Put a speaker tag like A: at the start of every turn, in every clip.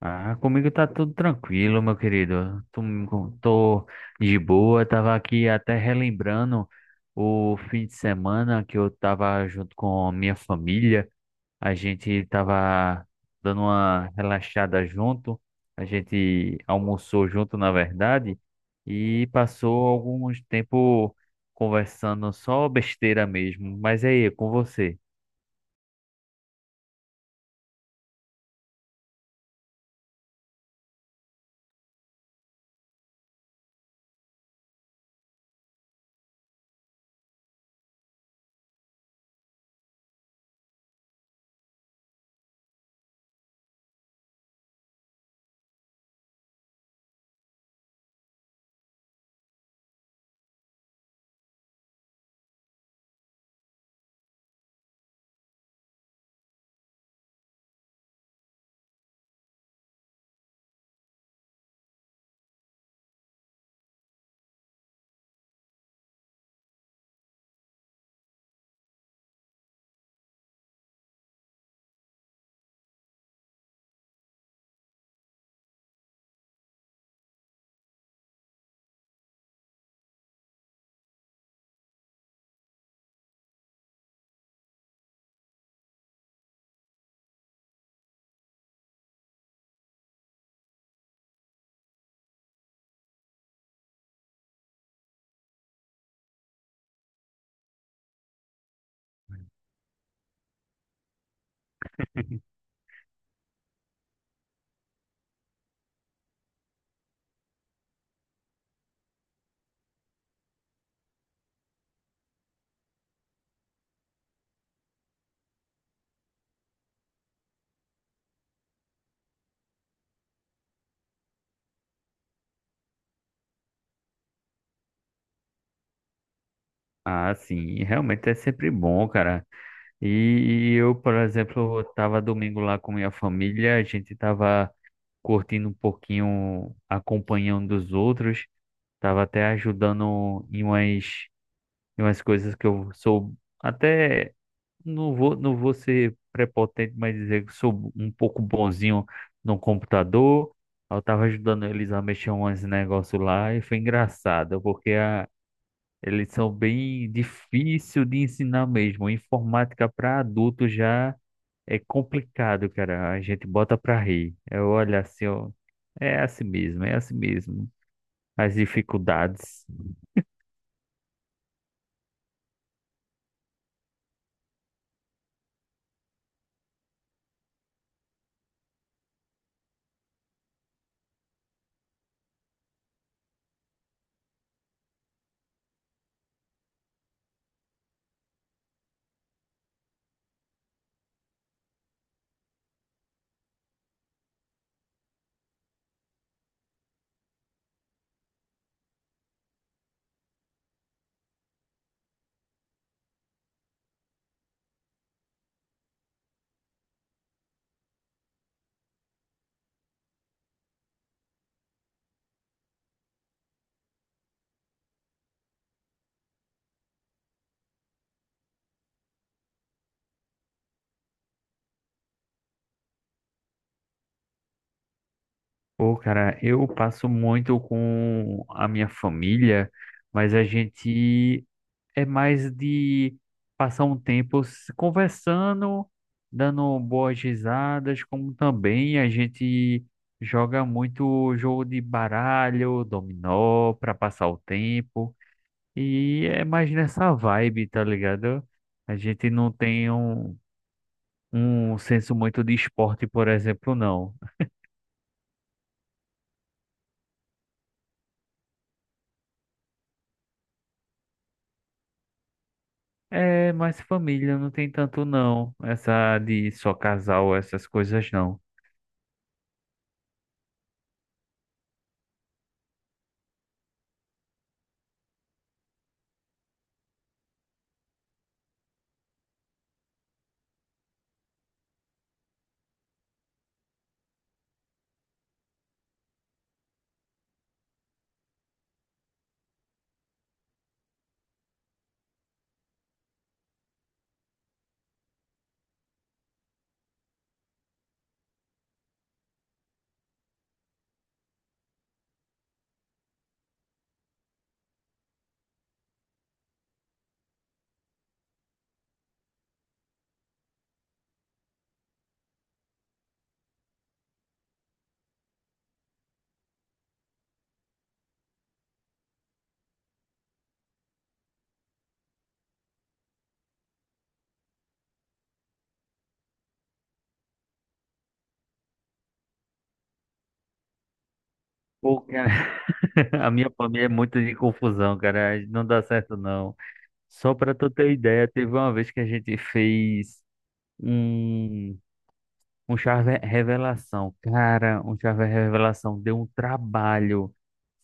A: Ah, comigo tá tudo tranquilo, meu querido. Tô de boa, tava aqui até relembrando o fim de semana que eu tava junto com a minha família. A gente tava dando uma relaxada junto, a gente almoçou junto, na verdade, e passou alguns tempo conversando só besteira mesmo. Mas aí, com você? Ah, sim, realmente é sempre bom, cara. E, e eu, por exemplo, estava domingo lá com minha família, a gente estava curtindo um pouquinho, acompanhando os outros, estava até ajudando em umas coisas que eu sou até, não vou ser prepotente, mas dizer que sou um pouco bonzinho no computador. Eu estava ajudando eles a mexer uns negócios lá e foi engraçado, porque eles são bem difícil de ensinar mesmo. Informática para adulto já. É complicado, cara. A gente bota pra rir. Eu olho assim, ó. É assim mesmo, é assim mesmo. As dificuldades. Pô, cara, eu passo muito com a minha família, mas a gente é mais de passar um tempo se conversando, dando boas risadas, como também a gente joga muito jogo de baralho, dominó, para passar o tempo. E é mais nessa vibe, tá ligado? A gente não tem um, um senso muito de esporte, por exemplo, não. É mais família, não tem tanto não. Essa de só casal, essas coisas não. Pô, cara, a minha família é muito de confusão, cara. Não dá certo não. Só pra tu ter ideia, teve uma vez que a gente fez um. Um Charver Revelação. Cara, um Charver Revelação deu um trabalho.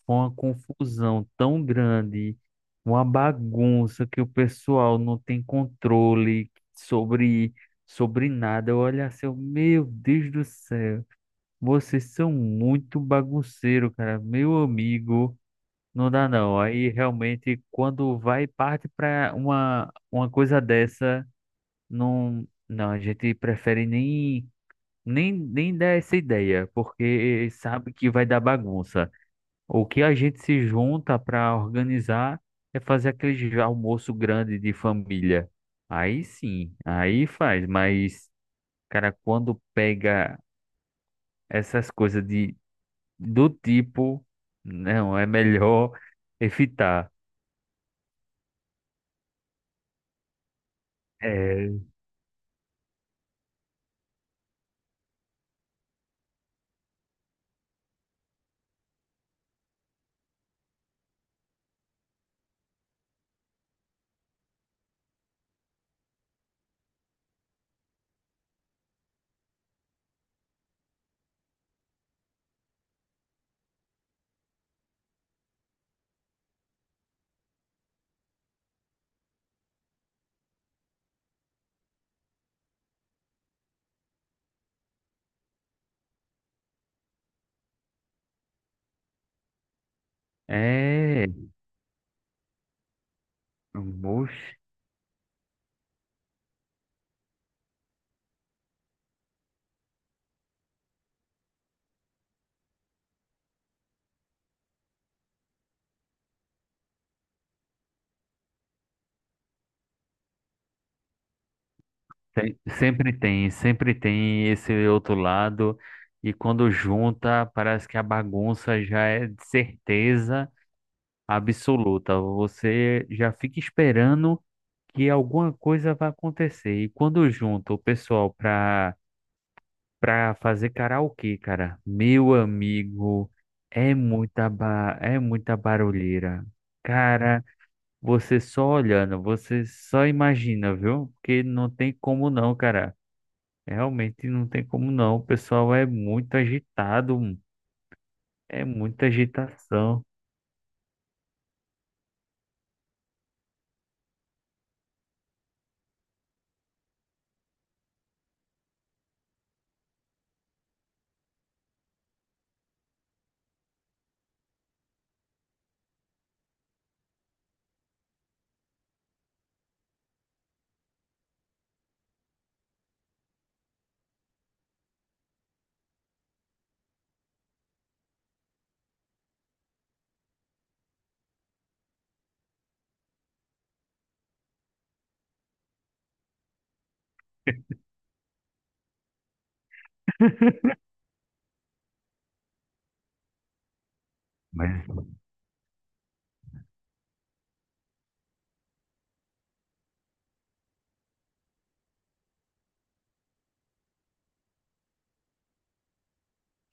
A: Foi uma confusão tão grande, uma bagunça que o pessoal não tem controle sobre nada. Eu olho assim, eu, meu Deus do céu, vocês são muito bagunceiro, cara. Meu amigo, não dá não. Aí realmente, quando vai parte para uma coisa dessa, não, não, a gente prefere nem. Nem dá essa ideia, porque sabe que vai dar bagunça. O que a gente se junta para organizar é fazer aquele almoço grande de família. Aí sim, aí faz, mas, cara, quando pega essas coisas do tipo, não, é melhor evitar. É, é, sempre tem esse outro lado, e quando junta, parece que a bagunça já é de certeza absoluta. Você já fica esperando que alguma coisa vai acontecer. E quando junta o pessoal para fazer karaokê, cara, meu amigo, é muita ba é muita barulheira. Cara, você só olhando, você só imagina, viu? Porque não tem como não, cara. Realmente não tem como não. O pessoal é muito agitado, é muita agitação. Mas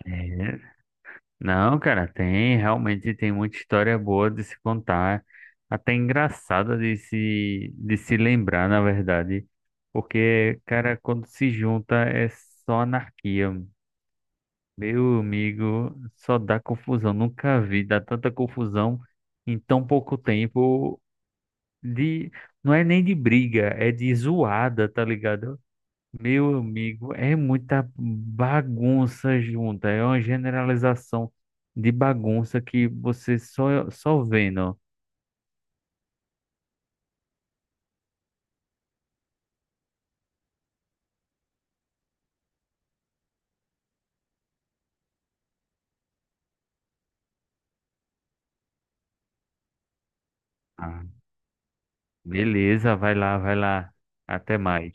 A: é. Não, cara, tem, realmente tem muita história boa de se contar, até engraçada de se lembrar, na verdade. Porque, cara, quando se junta é só anarquia. Meu amigo, só dá confusão. Nunca vi dar tanta confusão em tão pouco tempo de não é nem de briga, é de zoada, tá ligado? Meu amigo, é muita bagunça junta, é uma generalização de bagunça que você só, só vendo. Ah, Beleza, vai lá, vai lá. Até mais.